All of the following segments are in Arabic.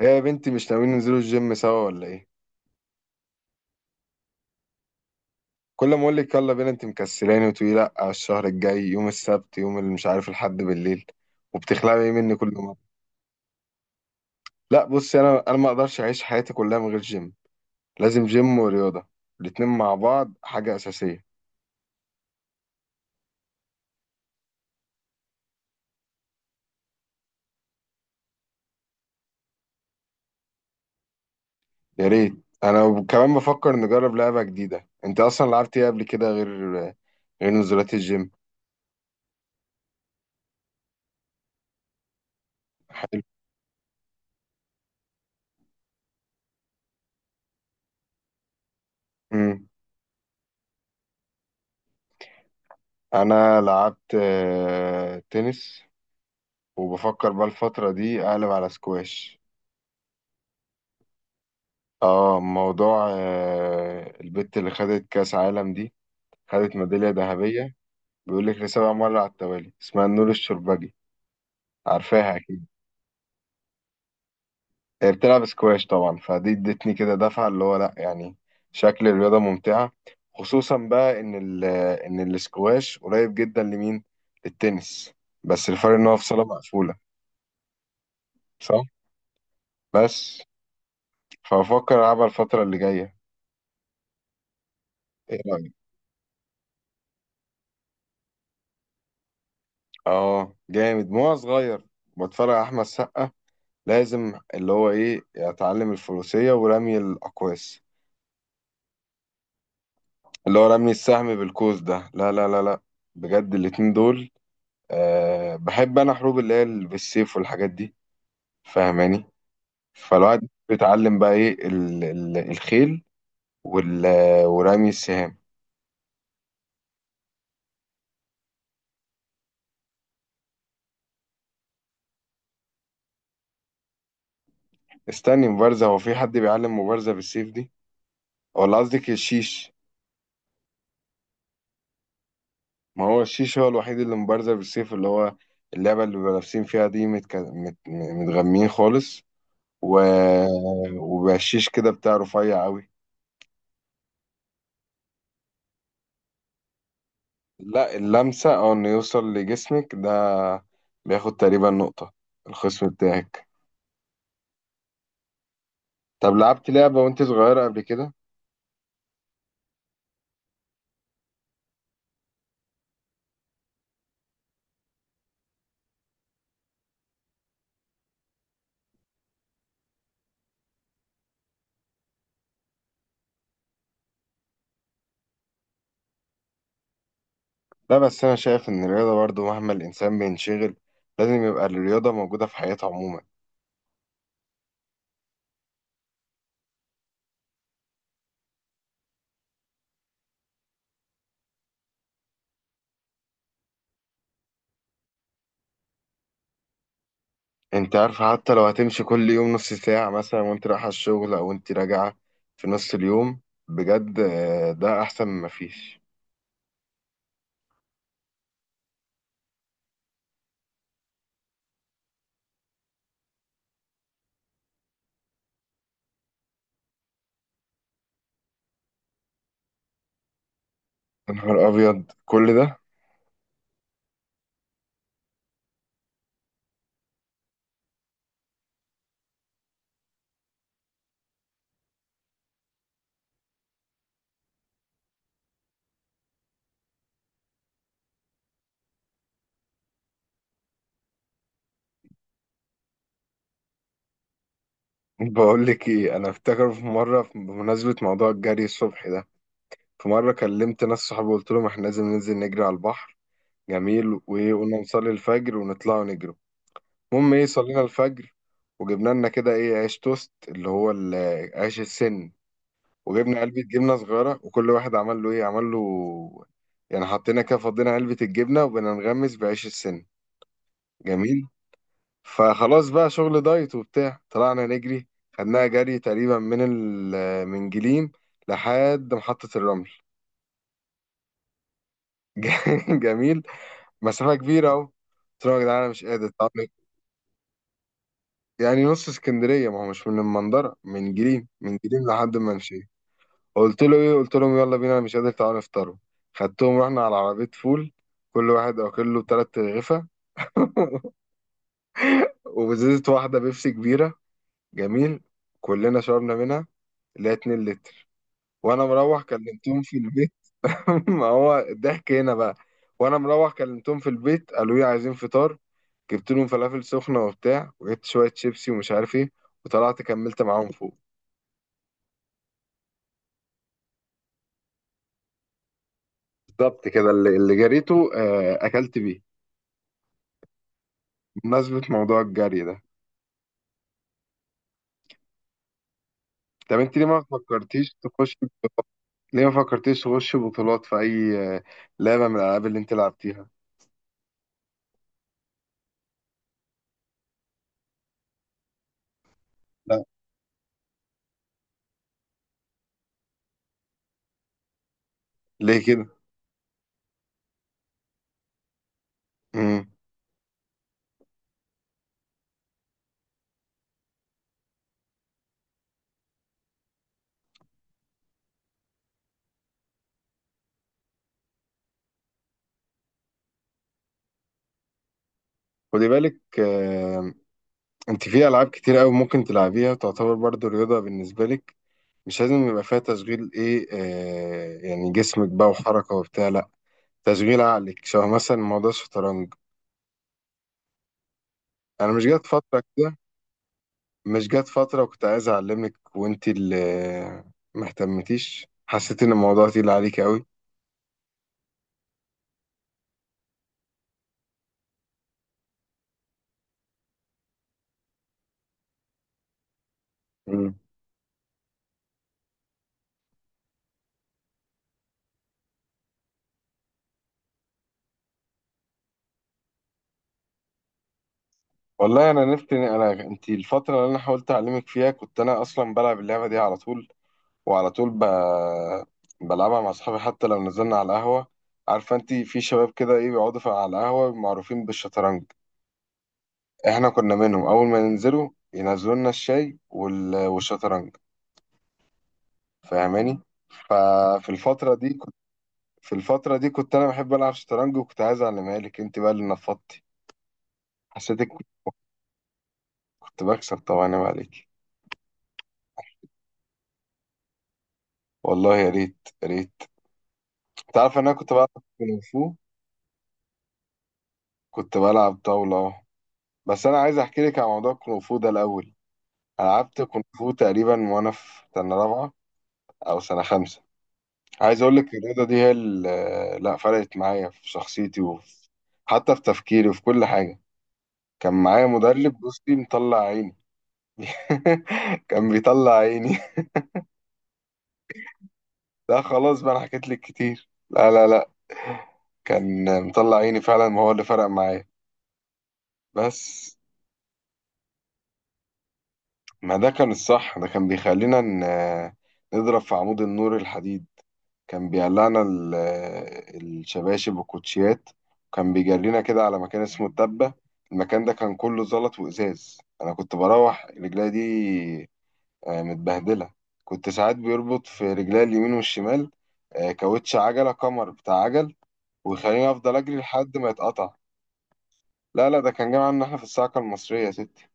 هي يا بنتي مش ناويين ننزلوا الجيم سوا ولا ايه؟ كل ما اقول لك يلا بينا انت مكسلاني وتقولي لا، على الشهر الجاي يوم السبت يوم اللي مش عارف الحد بالليل. وبتخلعي ايه مني كل مره؟ لا بصي، انا ما اقدرش اعيش حياتي كلها من غير جيم. لازم جيم ورياضه، الاتنين مع بعض حاجه اساسيه. يا ريت. انا كمان بفكر نجرب لعبه جديده، انت اصلا لعبت ايه قبل كده غير نزولات الجيم؟ حلو. مم. انا لعبت تنس. وبفكر بقى الفتره دي اقلب على سكواش. اه موضوع البت اللي خدت كأس عالم دي، خدت ميدالية ذهبية. بيقول لك لسبع مرة على التوالي، اسمها نور الشربجي. عارفاها أكيد. هي بتلعب سكواش طبعا، فدي ادتني كده دفعة اللي هو لأ يعني شكل الرياضة ممتعة. خصوصا بقى إن السكواش قريب جدا لمين؟ للتنس. بس الفرق إن هو في صالة مقفولة. صح؟ بس. فأفكر ألعبها الفترة اللي جاية. إيه رأيك؟ آه جامد، ما هو صغير بتفرج على أحمد سقا، لازم اللي هو ايه اتعلم الفروسية ورمي الاقواس، اللي هو رمي السهم بالقوس ده. لا لا لا لا، بجد الاتنين دول. أه بحب انا حروب، اللي هي بالسيف والحاجات دي، فاهماني؟ فالواحد بيتعلم بقى ايه ال ال الخيل وال ورمي السهام. استني، مبارزة؟ هو في حد بيعلم مبارزة بالسيف دي؟ ولا قصدك الشيش؟ ما هو الشيش هو الوحيد اللي مبارزة بالسيف، اللي هو اللعبة اللي بيبقوا لابسين فيها دي متغمين خالص و... وبقشيش كده بتاع رفيع قوي. لا اللمسة او انه يوصل لجسمك ده بياخد تقريبا نقطة، الخصم بتاعك. طب لعبت لعبة وانت صغيرة قبل كده؟ لا بس انا شايف ان الرياضة برضو مهما الانسان بينشغل، لازم يبقى الرياضة موجودة في حياته عموما. انت عارفة، حتى لو هتمشي كل يوم نص ساعة مثلا وانت رايحة الشغل او انت راجعة في نص اليوم، بجد ده احسن ما فيش. يا نهار ابيض كل ده. بقول لك ايه، انا افتكر في مره بمناسبه موضوع الجري الصبح ده، في مره كلمت ناس صحابي وقلت لهم احنا لازم ننزل نجري على البحر. جميل، وايه، قلنا نصلي الفجر ونطلع نجري. المهم ايه، صلينا الفجر وجبنا لنا كده ايه، عيش توست، اللي هو عيش السن. وجبنا علبه جبنه صغيره وكل واحد عمل له ايه، عمل له يعني، حطينا كده فضينا علبه الجبنه وبنغمس بعيش السن. جميل. فخلاص بقى شغل دايت وبتاع، طلعنا نجري. خدناها جري تقريبا من جليم لحد محطة الرمل. جميل. مسافة كبيرة أهو، قلت لهم يا جدعان أنا مش قادر طبعاً. يعني نص اسكندرية، ما هو مش من المنظرة، من جليم لحد ما مشيت. قلت له إيه، قلت لهم يلا بينا أنا مش قادر، تعالوا نفطروا. خدتهم رحنا على عربية فول، كل واحد واكل له تلات رغيفة وبزازة واحدة بيبسي كبيرة. جميل، كلنا شربنا منها، اللي هي 2 لتر. وانا مروح كلمتهم في البيت. ما هو الضحك هنا بقى، وانا مروح كلمتهم في البيت قالوا لي عايزين فطار. جبت لهم فلافل سخنه وبتاع، وجبت شويه شيبسي ومش عارف ايه، وطلعت كملت معاهم فوق. بالظبط كده، اللي جريته اكلت بيه بمناسبه موضوع الجري ده. طب انت ليه ما فكرتيش تخش، ليه ما فكرتيش تخش بطولات في اي لعبه من الالعاب اللي انت لعبتيها؟ لا، ليه كده؟ امم. خدي بالك، انت في العاب كتير قوي ممكن تلعبيها تعتبر برضو رياضه بالنسبه لك، مش لازم يبقى فيها تشغيل ايه يعني جسمك بقى وحركه وبتاع، لا تشغيل عقلك شبه مثلا موضوع الشطرنج. انا مش جات فتره كده، مش جات فتره وكنت عايز اعلمك وانت اللي ما اهتمتيش، حسيت ان الموضوع تقيل عليك قوي. مم. والله انا نفت انا انت الفتره اللي انا حاولت اعلمك فيها، كنت انا اصلا بلعب اللعبه دي على طول، وعلى طول ب... بلعبها مع اصحابي حتى لو نزلنا على القهوه. عارفه انت في شباب كده ايه بيقعدوا على القهوه معروفين بالشطرنج؟ احنا كنا منهم، اول ما ننزلوا ينزلوا لنا الشاي والشطرنج. فاهماني؟ ففي الفتره دي كنت في الفتره دي كنت انا بحب العب شطرنج وكنت عايز اعلمها لك، انت بقى اللي نفضتي، حسيتك كنت. كنت بكسب طبعا، ما عليك. والله يا ريت يا ريت. تعرف ان انا كنت بلعب كونغ فو، كنت بلعب طاوله أهو. بس انا عايز احكي لك عن موضوع الكونغ فو ده الاول. لعبت كونغ فو تقريبا وانا في سنه رابعه او سنه خمسه. عايز اقول لك الرياضه دي هي اللي لا فرقت معايا في شخصيتي وفي، حتى في تفكيري وفي كل حاجه. كان معايا مدرب، بصي، مطلع عيني. كان بيطلع عيني. لا خلاص بقى، انا حكيت لك كتير، لا لا لا. كان مطلع عيني فعلا، ما هو اللي فرق معايا. بس، ما ده كان الصح. ده كان بيخلينا نضرب في عمود النور الحديد، كان بيقلعنا الشباشب والكوتشيات، وكان بيجرينا كده على مكان اسمه الدبة. المكان ده كان كله زلط وإزاز، أنا كنت بروح رجلي دي متبهدلة. كنت ساعات بيربط في رجلي اليمين والشمال كاوتش عجلة كمر بتاع عجل ويخليني أفضل أجري لحد ما يتقطع. لا لا، ده كان جاي عنا إحنا في الصاعقة المصرية يا ستي.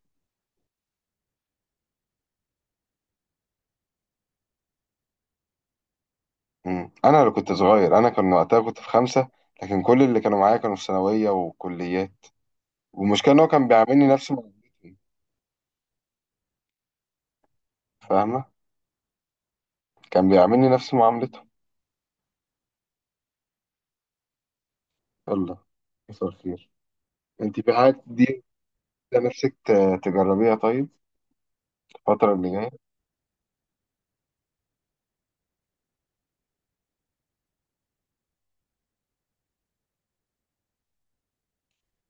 مم. أنا اللي كنت صغير أنا، كان وقتها كنت في خمسة، لكن كل اللي كانوا معايا كانوا في ثانوية وكليات. والمشكلة إن هو كان بيعاملني نفس ما، فاهمة؟ كان بيعاملني نفس معاملته. يلا، مساء الخير. انت في حاجة دي انت نفسك تجربيها طيب الفترة اللي جاية؟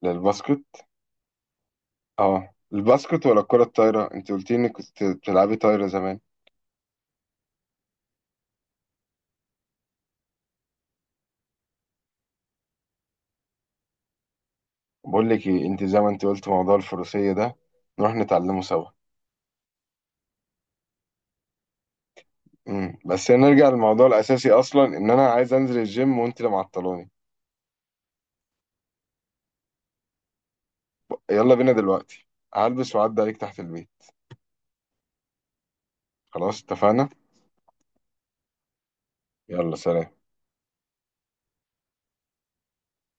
للباسكت؟ اه الباسكت ولا الكرة الطايرة؟ انت قلت لي انك كنت بتلعبي طايرة زمان. بقول لك ايه، انت زي ما انت قلت موضوع الفروسية ده، نروح نتعلمه سوا. بس نرجع للموضوع الاساسي اصلا، ان انا عايز انزل الجيم وانت اللي معطلاني. يلا بينا دلوقتي، هلبس وعدي عليك تحت البيت. خلاص اتفقنا. يلا سلام.